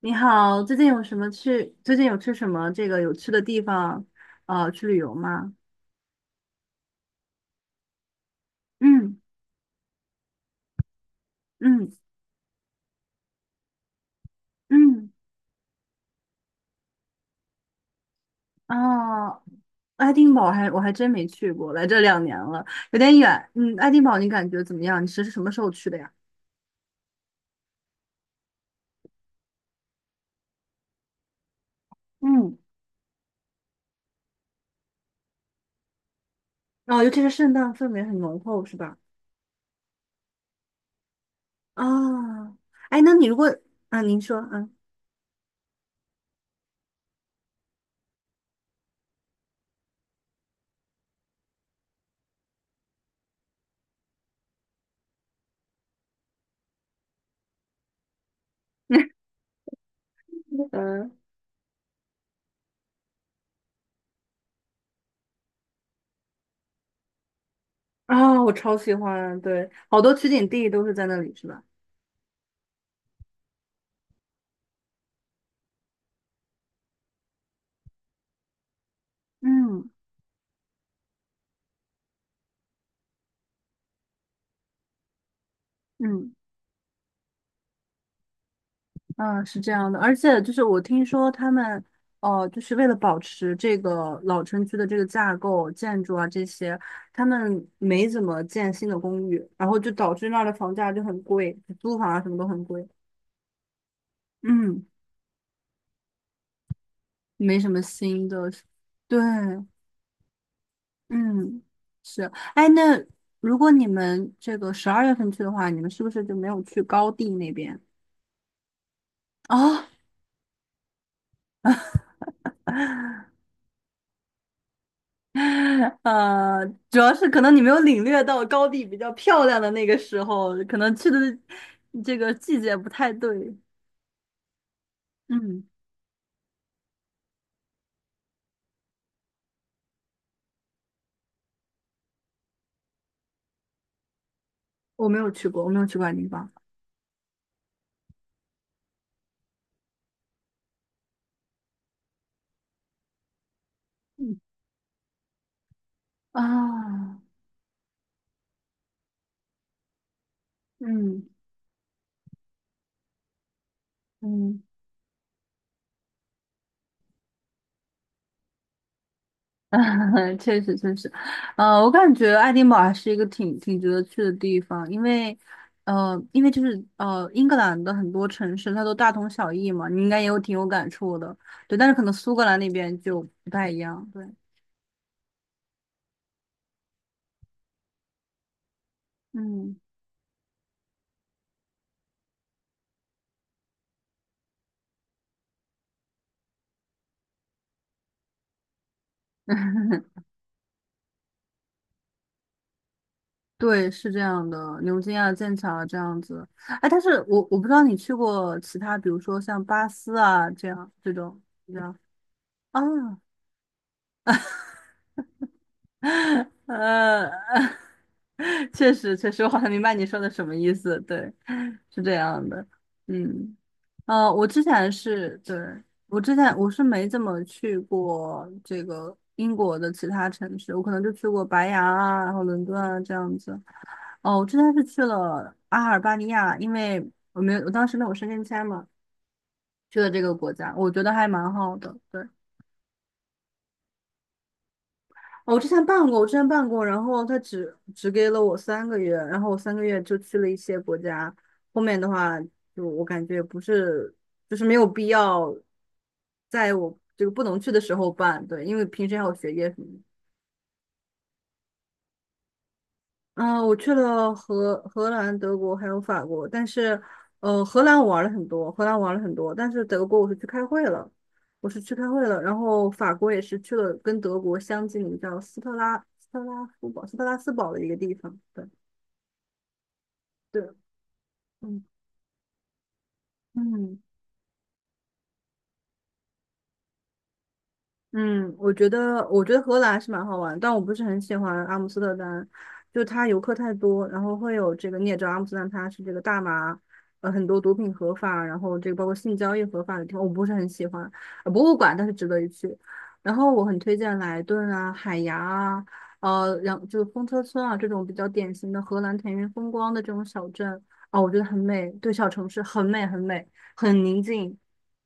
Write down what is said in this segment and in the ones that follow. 你好，最近有去什么这个有趣的地方，啊？去旅游吗？嗯嗯嗯，啊，爱丁堡还我还真没去过，来这两年了，有点远。嗯，爱丁堡你感觉怎么样？你是什么时候去的呀？嗯，哦，尤其是圣诞氛围很浓厚，是吧？啊，哎，那你如果，啊，您说，嗯 嗯，啊，我超喜欢，对，好多取景地都是在那里，是吧？嗯嗯。嗯，是这样的，而且就是我听说他们，哦，就是为了保持这个老城区的这个架构、建筑啊这些，他们没怎么建新的公寓，然后就导致那儿的房价就很贵，租房啊什么都很贵。嗯，没什么新的，对，嗯，是。哎，那如果你们这个十二月份去的话，你们是不是就没有去高地那边？哦，呃，主要是可能你没有领略到高地比较漂亮的那个时候，可能去的这个季节不太对。嗯，我没有去过，我没有去过爱丁堡。嗯啊，嗯嗯，确实确实，我感觉爱丁堡还是一个挺值得去的地方，因为就是英格兰的很多城市它都大同小异嘛，你应该也有挺有感触的，对，但是可能苏格兰那边就不太一样，对，嗯。对，是这样的，牛津啊、剑桥啊这样子。哎，但是我不知道你去过其他，比如说像巴斯啊这样这种啊，呃，确实确实，我好像明白你说的什么意思。对，是这样的。嗯，呃，我之前是对我之前我是没怎么去过这个英国的其他城市，我可能就去过白牙啊，然后伦敦啊这样子。哦，我之前是去了阿尔巴尼亚，因为我没有，我当时没有申根签嘛，去了这个国家，我觉得还蛮好的。对，哦我之前办过，我之前办过，然后他只给了我三个月，然后我三个月就去了一些国家，后面的话就我感觉不是，就是没有必要在我这个不能去的时候办，对，因为平时还有学业什么的。嗯，我去了荷兰、德国还有法国，但是，荷兰我玩了很多，荷兰玩了很多，但是德国我是去开会了，我是去开会了，然后法国也是去了跟德国相近，叫斯特拉斯堡的一个地方，对对，嗯。嗯，嗯，我觉得，我觉得荷兰是蛮好玩，但我不是很喜欢阿姆斯特丹，就它游客太多，然后会有这个，你也知道阿姆斯特丹它是这个大麻，很多毒品合法，然后这个包括性交易合法的地方，我不是很喜欢。博物馆倒是值得一去，然后我很推荐莱顿啊、海牙啊，然后就是风车村啊这种比较典型的荷兰田园风光的这种小镇，哦，我觉得很美，对，小城市很美很美，很宁静，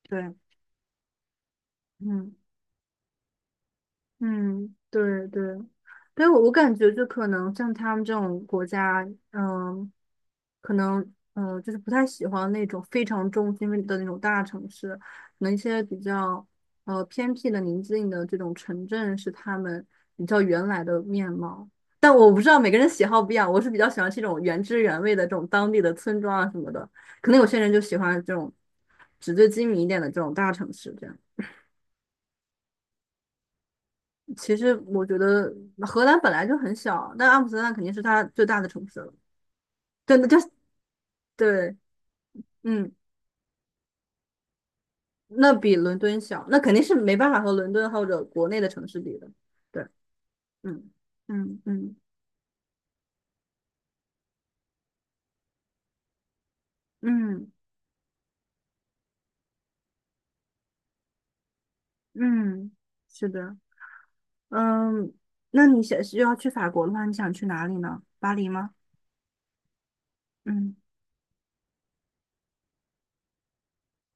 对，嗯。嗯，对对，但我感觉就可能像他们这种国家，可能就是不太喜欢那种非常中心的那种大城市，可能一些比较偏僻的、宁静的这种城镇是他们比较原来的面貌。但我不知道每个人喜好不一样，我是比较喜欢这种原汁原味的这种当地的村庄啊什么的，可能有些人就喜欢这种纸醉金迷一点的这种大城市这样。其实我觉得荷兰本来就很小，但阿姆斯特丹肯定是它最大的城市了。真的就对，嗯，那比伦敦小，那肯定是没办法和伦敦或者国内的城市比的。对，嗯嗯嗯嗯嗯，是的，嗯，那你想是要去法国的话，你想去哪里呢？巴黎吗？嗯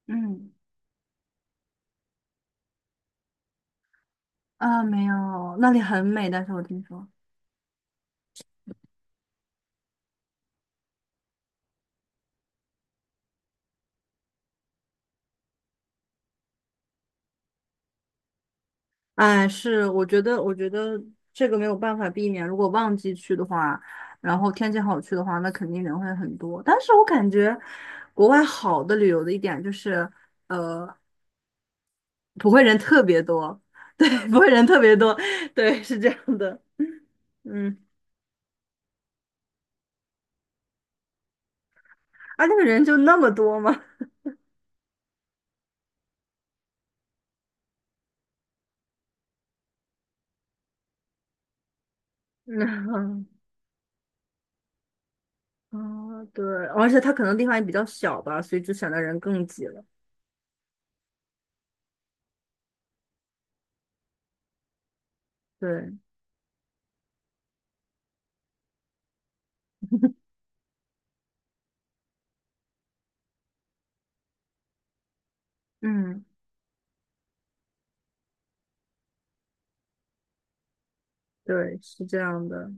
嗯，啊，没有，那里很美，但是我听说。哎，是，我觉得，我觉得这个没有办法避免。如果旺季去的话，然后天气好去的话，那肯定人会很多。但是我感觉国外好的旅游的一点就是，呃，不会人特别多，对，不会人特别多，对，是这样的，嗯，啊，那个人就那么多吗？嗯，哦，对，而且它可能地方也比较小吧，所以就显得人更挤了。对，嗯，对，是这样的。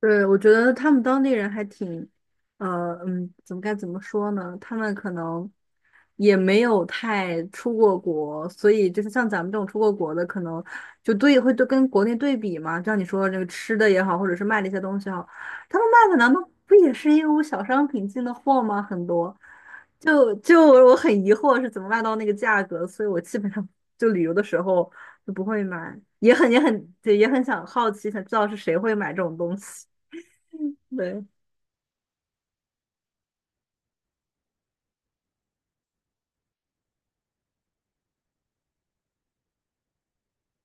对，我觉得他们当地人还挺，该怎么说呢？他们可能也没有太出过国，所以就是像咱们这种出过国的，可能会对跟国内对比嘛。像你说那个吃的也好，或者是卖的一些东西也好，他们卖的难道不也是义乌小商品进的货吗？很多，就我很疑惑是怎么卖到那个价格，所以我基本上就旅游的时候就不会买，也很也很对，也很想好奇，想知道是谁会买这种东西。对，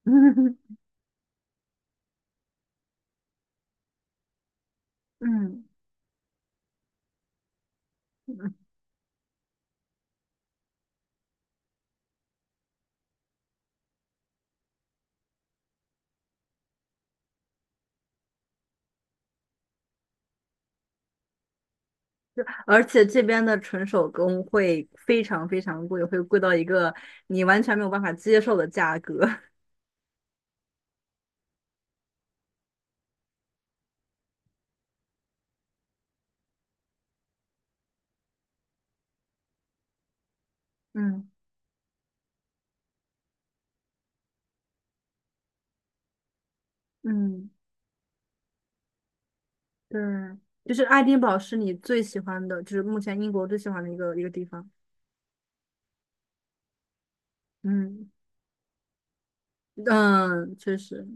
嗯，而且这边的纯手工会非常非常贵，会贵到一个你完全没有办法接受的价格。嗯嗯，对，就是爱丁堡是你最喜欢的，就是目前英国最喜欢的一个地方。嗯嗯，确实，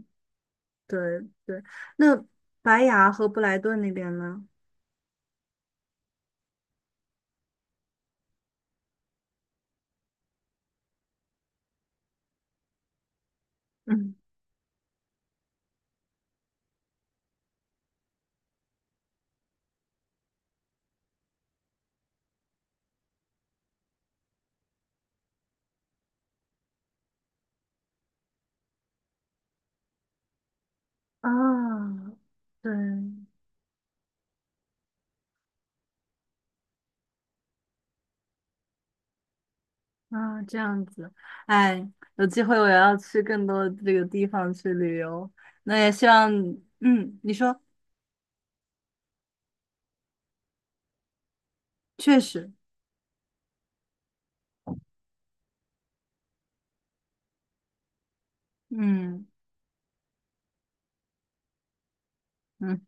对对。那白崖和布莱顿那边呢？嗯啊，对。啊，这样子，哎，有机会我也要去更多这个地方去旅游。那也希望，你说，确实，嗯嗯，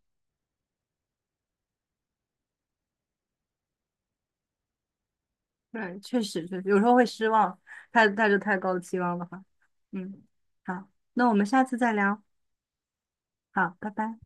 对，确实确实，有时候会失望，太带着太高的期望的话，嗯，好，那我们下次再聊，好，拜拜。